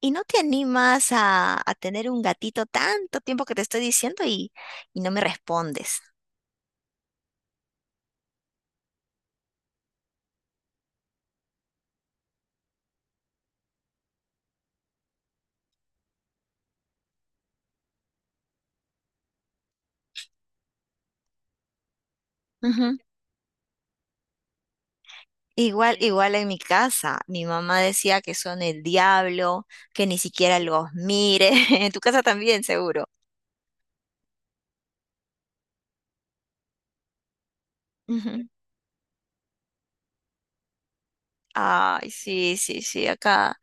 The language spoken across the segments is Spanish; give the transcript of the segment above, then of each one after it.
¿Y no te animas a tener un gatito tanto tiempo que te estoy diciendo y no me respondes? Ujú. Igual, sí, igual en mi casa, mi mamá decía que son el diablo, que ni siquiera los mire. En tu casa también, seguro. Ujú. Ay, sí, sí, sí, acá,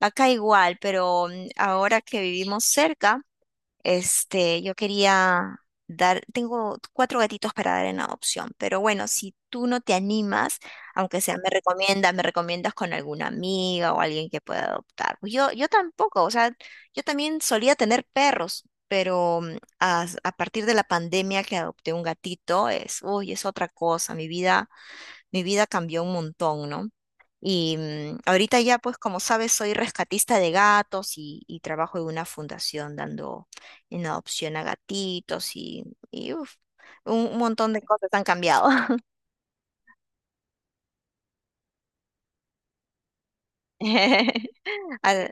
acá igual, pero ahora que vivimos cerca. Este, yo quería dar, tengo cuatro gatitos para dar en adopción, pero bueno, si tú no te animas, aunque sea me recomiendas con alguna amiga o alguien que pueda adoptar. Pues yo tampoco, o sea, yo también solía tener perros, pero a partir de la pandemia que adopté un gatito, es, uy, es otra cosa, mi vida cambió un montón, ¿no? Y ahorita ya, pues como sabes, soy rescatista de gatos y trabajo en una fundación dando en adopción a gatitos y, uf, un montón de cosas han cambiado. Al-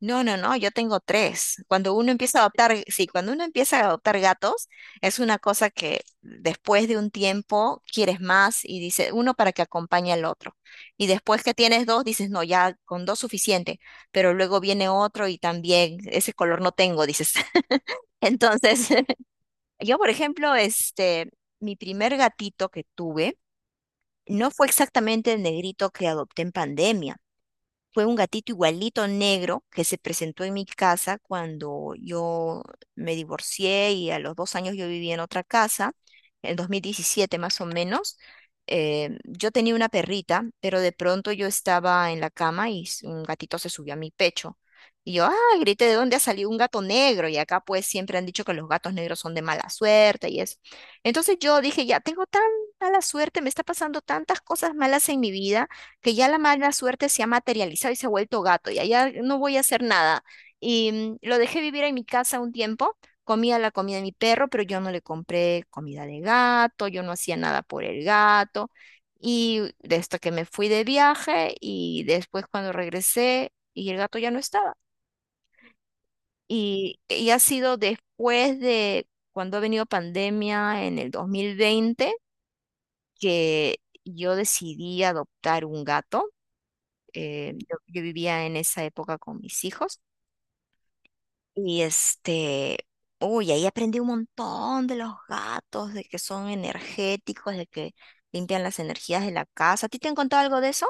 No, no, no, yo tengo tres. Cuando uno empieza a adoptar, sí, cuando uno empieza a adoptar gatos, es una cosa que después de un tiempo quieres más y dice uno para que acompañe al otro. Y después que tienes dos, dices, no, ya con dos suficiente, pero luego viene otro y también ese color no tengo, dices. Entonces, yo, por ejemplo, este, mi primer gatito que tuve no fue exactamente el negrito que adopté en pandemia. Fue un gatito igualito negro que se presentó en mi casa cuando yo me divorcié y a los 2 años yo vivía en otra casa, en 2017 más o menos. Yo tenía una perrita, pero de pronto yo estaba en la cama y un gatito se subió a mi pecho. Y yo, ah, grité, ¿de dónde ha salido un gato negro? Y acá pues siempre han dicho que los gatos negros son de mala suerte y eso. Entonces yo dije, ya tengo tan mala suerte, me está pasando tantas cosas malas en mi vida que ya la mala suerte se ha materializado y se ha vuelto gato, y allá no voy a hacer nada. Y lo dejé vivir en mi casa un tiempo, comía la comida de mi perro, pero yo no le compré comida de gato, yo no hacía nada por el gato. Y de esto que me fui de viaje y después cuando regresé y el gato ya no estaba. Y ha sido después de cuando ha venido pandemia en el 2020 que yo decidí adoptar un gato. Eh, yo vivía en esa época con mis hijos y este, uy, ahí aprendí un montón de los gatos, de que son energéticos, de que limpian las energías de la casa. ¿A ti te han contado algo de eso?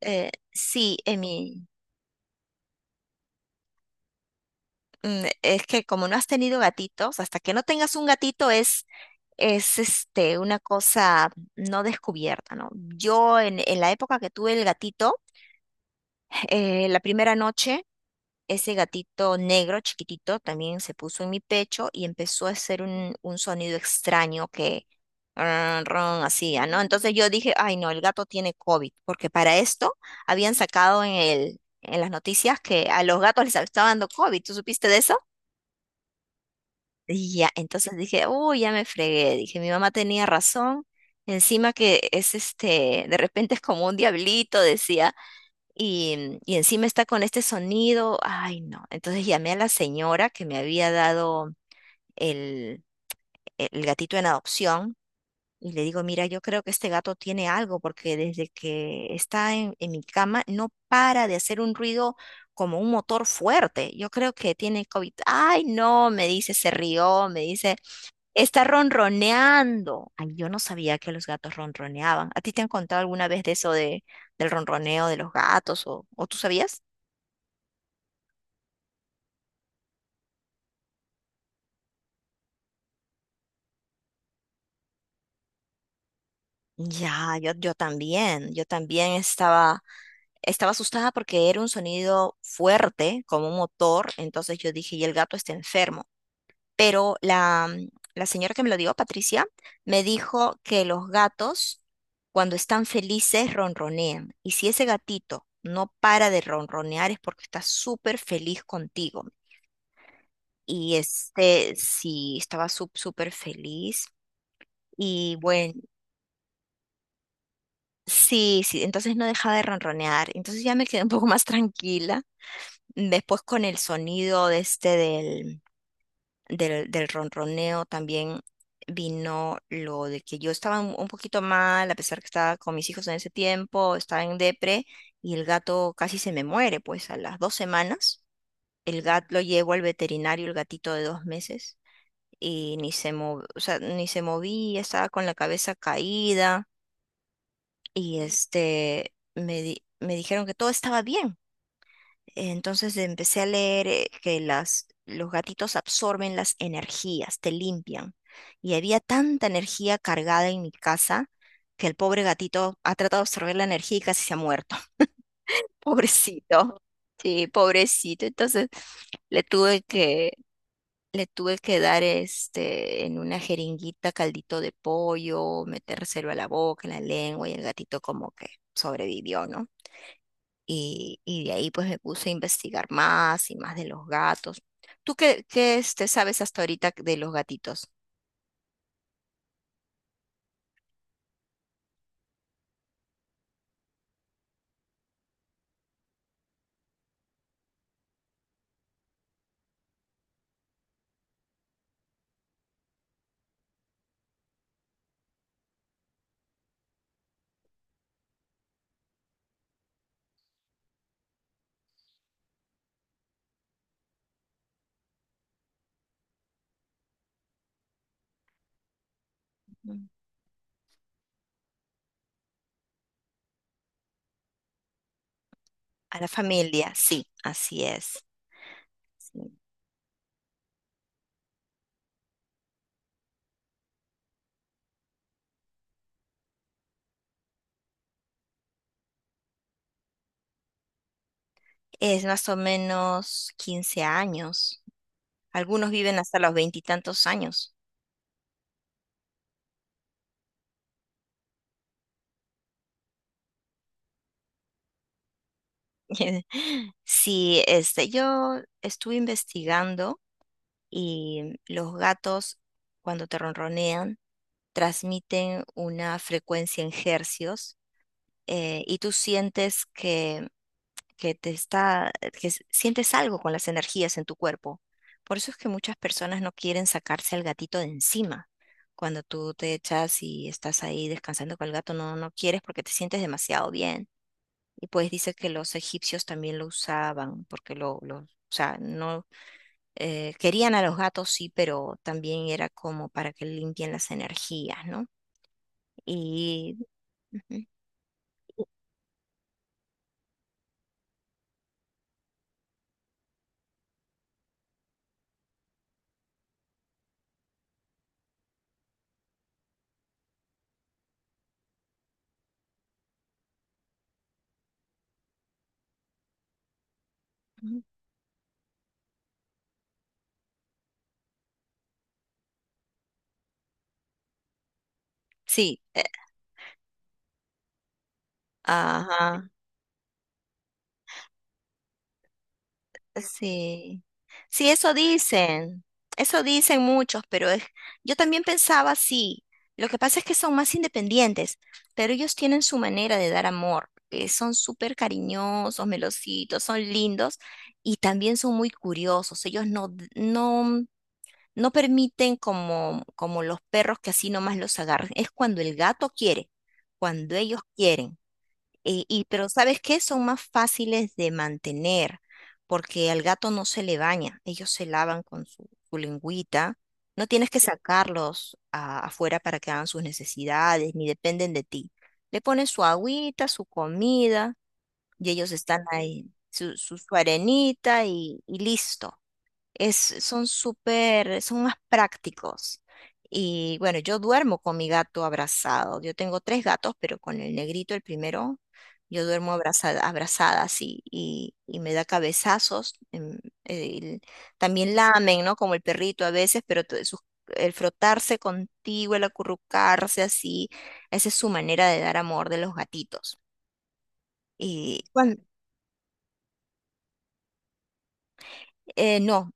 Sí, Emi. Es que como no has tenido gatitos, hasta que no tengas un gatito es este, una cosa no descubierta, ¿no? Yo en la época que tuve el gatito, la primera noche ese gatito negro chiquitito también se puso en mi pecho y empezó a hacer un sonido extraño que ron, ron, hacía, ¿no? Entonces yo dije, ay no, el gato tiene COVID, porque para esto habían sacado en el, en las noticias que a los gatos les estaba dando COVID. ¿Tú supiste de eso? Y ya, entonces dije, uy, ya me fregué. Dije, mi mamá tenía razón. Encima que es este, de repente es como un diablito, decía y encima está con este sonido, ay no. Entonces llamé a la señora que me había dado el, el gatito en adopción y le digo, mira, yo creo que este gato tiene algo porque desde que está en mi cama no para de hacer un ruido como un motor fuerte. Yo creo que tiene COVID. Ay no, me dice, se rió, me dice, está ronroneando. Ay, yo no sabía que los gatos ronroneaban. ¿A ti te han contado alguna vez de eso de, del ronroneo de los gatos o tú sabías? Ya, yo, yo también estaba, estaba asustada porque era un sonido fuerte, como un motor, entonces yo dije, y el gato está enfermo. Pero la, la señora que me lo dio, Patricia, me dijo que los gatos, cuando están felices, ronronean. Y si ese gatito no para de ronronear es porque está súper feliz contigo. Y este, sí, estaba súper feliz. Y bueno. Sí, sí, entonces no dejaba de ronronear, entonces ya me quedé un poco más tranquila. Después con el sonido de este del, del ronroneo también vino lo de que yo estaba un poquito mal, a pesar que estaba con mis hijos en ese tiempo, estaba en depre y el gato casi se me muere, pues a las 2 semanas el gato lo llevo al veterinario, el gatito de 2 meses. Y ni se o sea, ni se movía, estaba con la cabeza caída y este me, me dijeron que todo estaba bien. Entonces empecé a leer que las, los gatitos absorben las energías, te limpian. Y había tanta energía cargada en mi casa que el pobre gatito ha tratado de absorber la energía y casi se ha muerto. Pobrecito. Sí, pobrecito. Entonces le tuve que, le tuve que dar este en una jeringuita caldito de pollo, metérselo a la boca, en la lengua, y el gatito como que sobrevivió, ¿no? Y de ahí pues me puse a investigar más y más de los gatos. ¿Tú qué, qué este, sabes hasta ahorita de los gatitos? Mm. A la familia, sí, así es. Sí. Es más o menos 15 años. Algunos viven hasta los veintitantos años. Sí, este, yo estuve investigando y los gatos cuando te ronronean transmiten una frecuencia en hercios y tú sientes que te está, que sientes algo con las energías en tu cuerpo. Por eso es que muchas personas no quieren sacarse al gatito de encima. Cuando tú te echas y estás ahí descansando con el gato, no, no quieres porque te sientes demasiado bien. Y pues dice que los egipcios también lo usaban, porque lo, o sea, no querían a los gatos, sí, pero también era como para que limpien las energías, ¿no? Y ujú. Ujú. Sí, ajá. Sí, sí, eso dicen muchos, pero es, yo también pensaba así. Lo que pasa es que son más independientes, pero ellos tienen su manera de dar amor. Eh, son súper cariñosos, melositos, son lindos y también son muy curiosos. Ellos no, no, no permiten como, como los perros que así nomás los agarran. Es cuando el gato quiere, cuando ellos quieren. Y pero ¿sabes qué? Son más fáciles de mantener porque al gato no se le baña. Ellos se lavan con su, su lengüita. No tienes que sacarlos afuera para que hagan sus necesidades, ni dependen de ti. Le pones su agüita, su comida y ellos están ahí, su arenita y listo es, son súper, son más prácticos. Y bueno, yo duermo con mi gato abrazado. Yo tengo tres gatos, pero con el negrito, el primero, yo duermo abrazada, abrazada así, y me da cabezazos. El- también lamen, ¿no? Como el perrito a veces, pero el frotarse contigo, el acurrucarse así, esa es su manera de dar amor de los gatitos. Y cuando, no.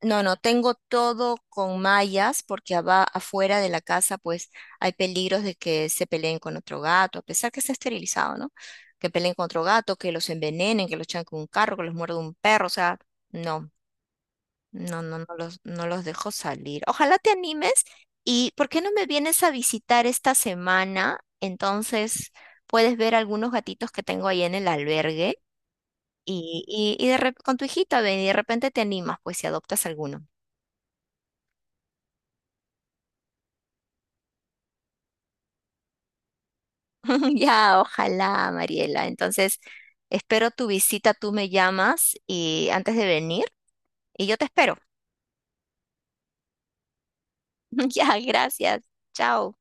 No, no, tengo todo con mallas porque afuera de la casa pues hay peligros de que se peleen con otro gato, a pesar que está esterilizado, ¿no? Que peleen con otro gato, que los envenenen, que los echan con un carro, que los muerde un perro, o sea, no, no, no, no los, no los dejo salir. Ojalá te animes y ¿por qué no me vienes a visitar esta semana? Entonces puedes ver algunos gatitos que tengo ahí en el albergue y con tu hijita ven y de repente te animas pues si adoptas alguno. Ya, ojalá, Mariela. Entonces, espero tu visita, tú me llamas y antes de venir y yo te espero. Ya, gracias. Chao.